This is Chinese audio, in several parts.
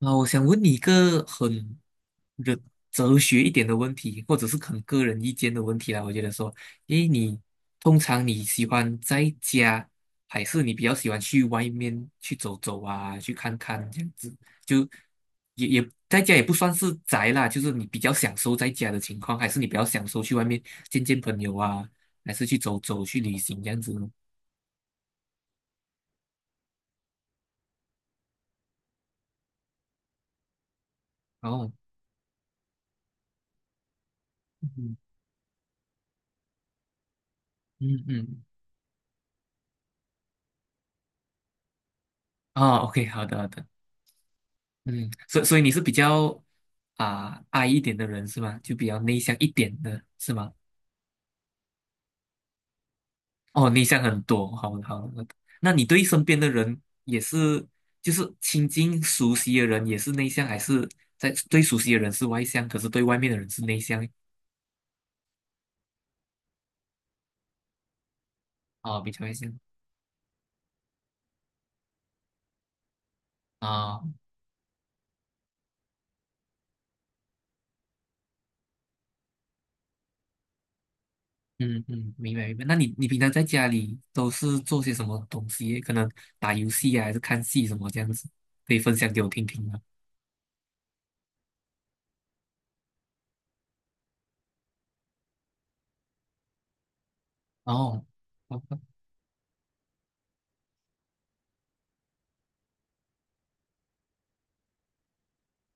啊，我想问你一个很哲哲学一点的问题，或者是很个人意见的问题啦。我觉得说，诶，通常你喜欢在家，还是你比较喜欢去外面去走走啊，去看看这样子？就也在家也不算是宅啦，就是你比较享受在家的情况，还是你比较享受去外面见见朋友啊，还是去走走去旅行这样子呢？哦，嗯嗯嗯，哦，OK，好的好的。嗯，所以你是比较I 一点的人是吗？就比较内向一点的是吗？哦，内向很多，好好。那你对身边的人也是，就是亲近熟悉的人也是内向，还是在对熟悉的人是外向，可是对外面的人是内向？哦，比较外向，啊、嗯嗯，明白明白。那你平常在家里都是做些什么东西？可能打游戏啊，还是看戏什么这样子？可以分享给我听听吗？哦，好吧，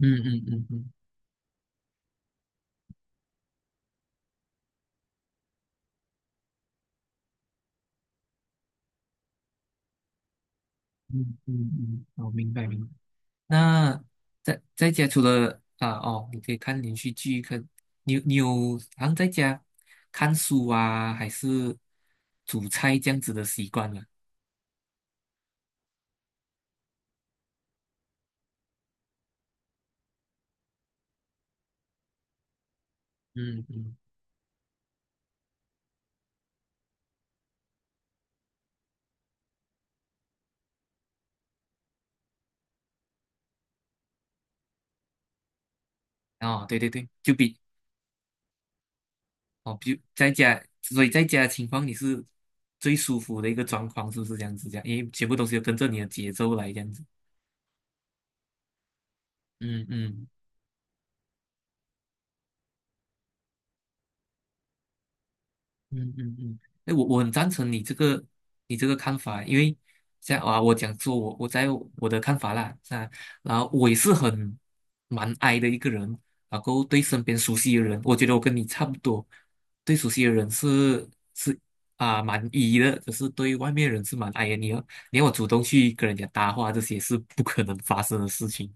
嗯嗯嗯嗯。嗯嗯嗯，我明白明白。那在家除了你可以看连续剧，看你有好像在家看书啊，还是煮菜这样子的习惯吗？嗯嗯，哦，对对对，哦，比在家，所以在家的情况你是最舒服的一个状况，是不是这样子？这样，因为全部东西都跟着你的节奏来这样子。嗯嗯。嗯嗯嗯，哎，我很赞成你这个看法，因为像啊，我讲说我在我的看法啦，啊，然后我也是蛮 I 的一个人，然后对身边熟悉的人，我觉得我跟你差不多，对熟悉的人是是蛮 E 的，可是对外面的人是蛮 I 的，你要我主动去跟人家搭话，这些是不可能发生的事情，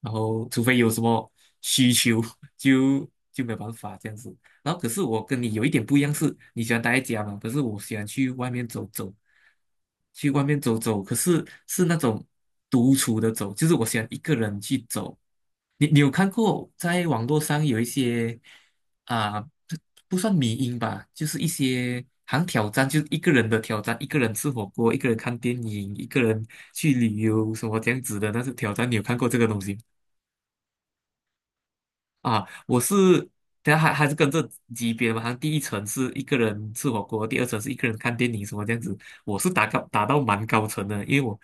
然后除非有什么需求，就没有办法这样子。然后可是我跟你有一点不一样是，你喜欢待在家嘛，可是我喜欢去外面走走，可是那种独处的走，就是我喜欢一个人去走。你有看过在网络上有一些啊、不不算迷因吧，就是一些好像挑战，就是一个人的挑战，一个人吃火锅，一个人看电影，一个人去旅游什么这样子的，但是挑战，你有看过这个东西吗？啊，我是，等下还是跟这级别嘛，好像第一层是一个人吃火锅，第二层是一个人看电影什么这样子。我是打到蛮高层的，因为我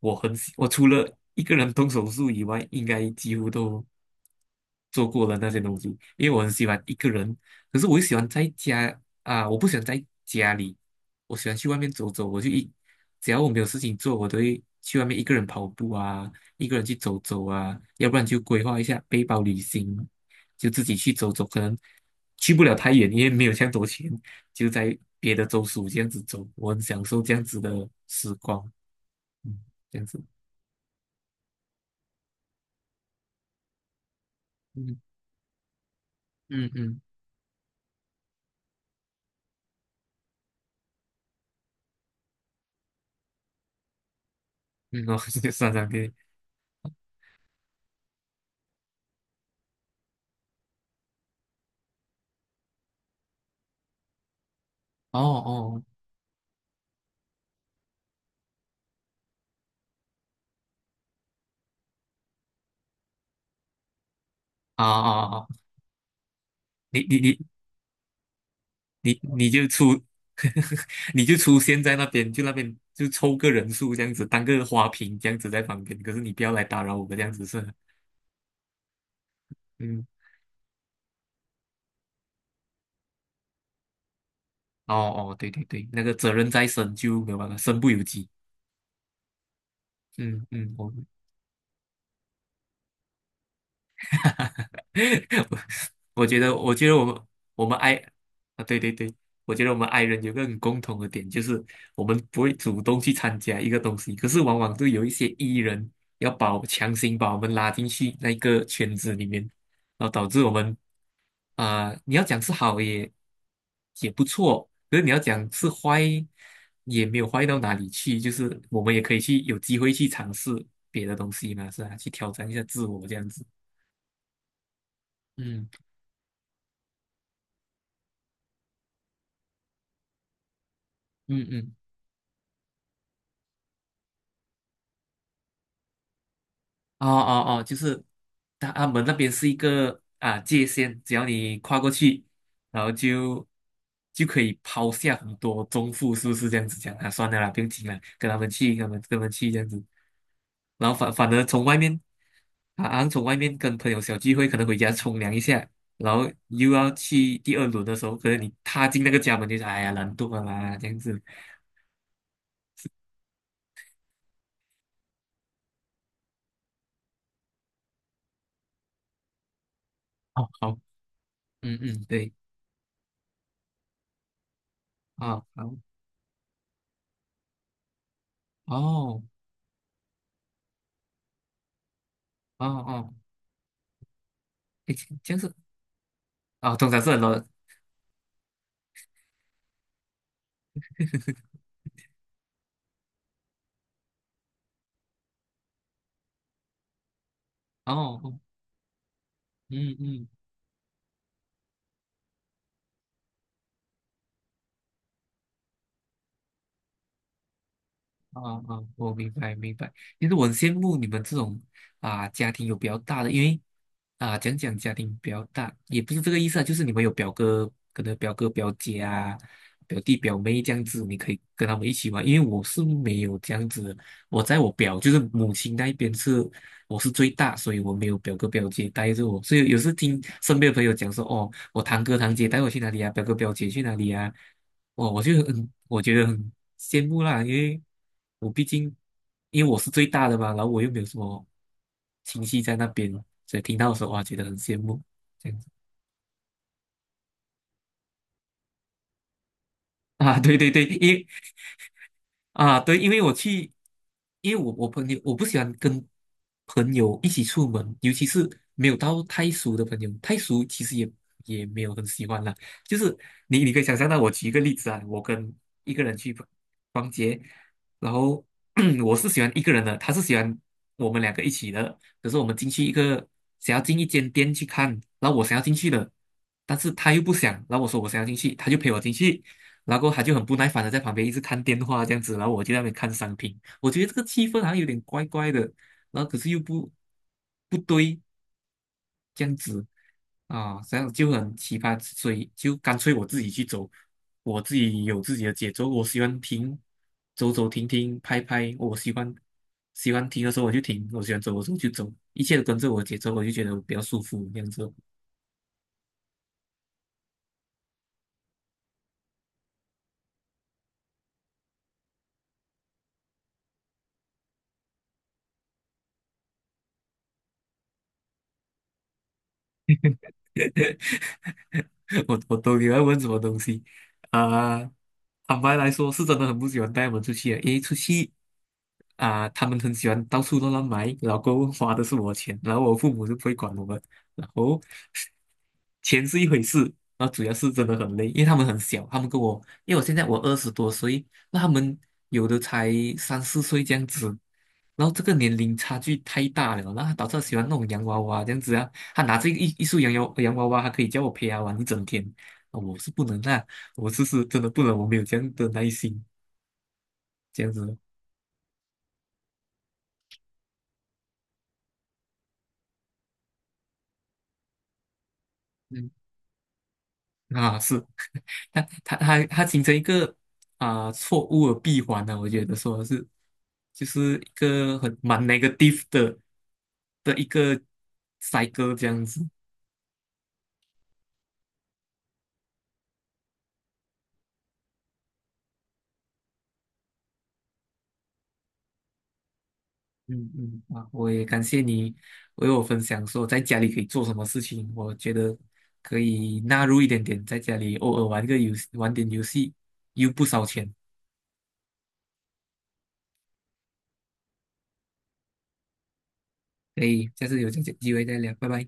我很喜我除了一个人动手术以外，应该几乎都做过了那些东西，因为我很喜欢一个人，可是我又喜欢在家啊，我不喜欢在家里，我喜欢去外面走走，我就一只要我没有事情做，我都会去外面一个人跑步啊，一个人去走走啊，要不然就规划一下背包旅行。就自己去走走，可能去不了太远，因为没有这样多钱，就在别的州属这样子走，我很享受这样子的时光，嗯，这样子，嗯嗯嗯嗯，哦，就算上对，哦哦，啊啊啊，你你你你你就出，你就出现在那边，就那边就凑个人数这样子，当个花瓶这样子在旁边，可是你不要来打扰我们这样子是吧，嗯。哦哦，对对对，那个责任在身就没有办法，身不由己。嗯嗯，我觉得，我觉得我们我们爱啊，对对对，我觉得我们爱人有个很共同的点，就是我们不会主动去参加一个东西，可是往往都有一些 E 人要强行把我们拉进去那个圈子里面，然后导致我们你要讲是好也不错，可是你要讲是坏也没有坏到哪里去，就是我们也可以去有机会去尝试别的东西嘛，是吧？去挑战一下自我这样子，嗯嗯嗯。哦哦哦，就是他们那边是一个界限，只要你跨过去，然后就可以抛下很多中负，是不是这样子讲啊？算了啦，不用听了，跟他们去，跟他们去这样子。然后反而从外面，啊，好像从外面跟朋友小聚会，可能回家冲凉一下，然后又要去第二轮的时候，可能你踏进那个家门就是哎呀难度啊啦，这样子。哦，好，嗯嗯，对，好，哦哦哦，哎，这样是啊，通常是很多人哦，哦嗯嗯，啊啊，我明白明白。其实我很羡慕你们这种家庭有比较大的，因为讲讲家庭比较大，也不是这个意思啊，就是你们有表哥，可能表哥表姐表弟表妹这样子，你可以跟他们一起玩。因为我是没有这样子的我在我表就是母亲那一边是我是最大，所以我没有表哥表姐带着我，所以有时听身边的朋友讲说，哦，我堂哥堂姐带我去哪里啊，表哥表姐去哪里啊。我觉得很羡慕啦，因为我毕竟因为我是最大的嘛，然后我又没有什么亲戚在那边，所以听到的时候哇，觉得很羡慕这样子啊，对对对，因为啊，对，因为我去，因为我我朋友我不喜欢跟朋友一起出门，尤其是没有到太熟的朋友，太熟其实也没有很喜欢啦。就是你可以想象到，我举一个例子啊，我跟一个人去逛逛街，然后 我是喜欢一个人的，他是喜欢我们两个一起的。可是我们进去一个想要进一间店去看，然后我想要进去的，但是他又不想，然后我说我想要进去，他就陪我进去。然后他就很不耐烦的在旁边一直看电话这样子，然后我就在那边看商品，我觉得这个气氛好像有点怪怪的，然后可是又不对这样子啊，这样就很奇葩，所以就干脆我自己去走，我自己有自己的节奏，我喜欢停，走走停停，拍拍，我喜欢停的时候我就停，我喜欢走的时候就走，一切都跟着我的节奏，我就觉得比较舒服这样子。我都喜欢问什么东西啊、坦白来说，是真的很不喜欢带我们出去的，因为出去他们很喜欢到处乱乱买，老公过后花的是我钱，然后我父母就不会管我们，然后钱是一回事，然后主要是真的很累，因为他们很小，他们跟我，因为我现在20多岁，那他们有的才三四岁这样子，然后这个年龄差距太大了，然后他导致他喜欢那种洋娃娃这样子啊。他拿着一束洋娃娃，他可以叫我陪他玩一整天。啊我是不能啊，我是真的不能，我没有这样的耐心，这样子。嗯，啊，是，他形成一个错误的闭环呢、我觉得说是，就是一个蛮 negative 的一个 cycle 这样子。嗯嗯嗯啊，我也感谢你为我分享说在家里可以做什么事情。我觉得可以纳入一点点，在家里偶尔玩个游戏，玩点游戏，又不烧钱。可以，下次有这机会再聊，拜拜。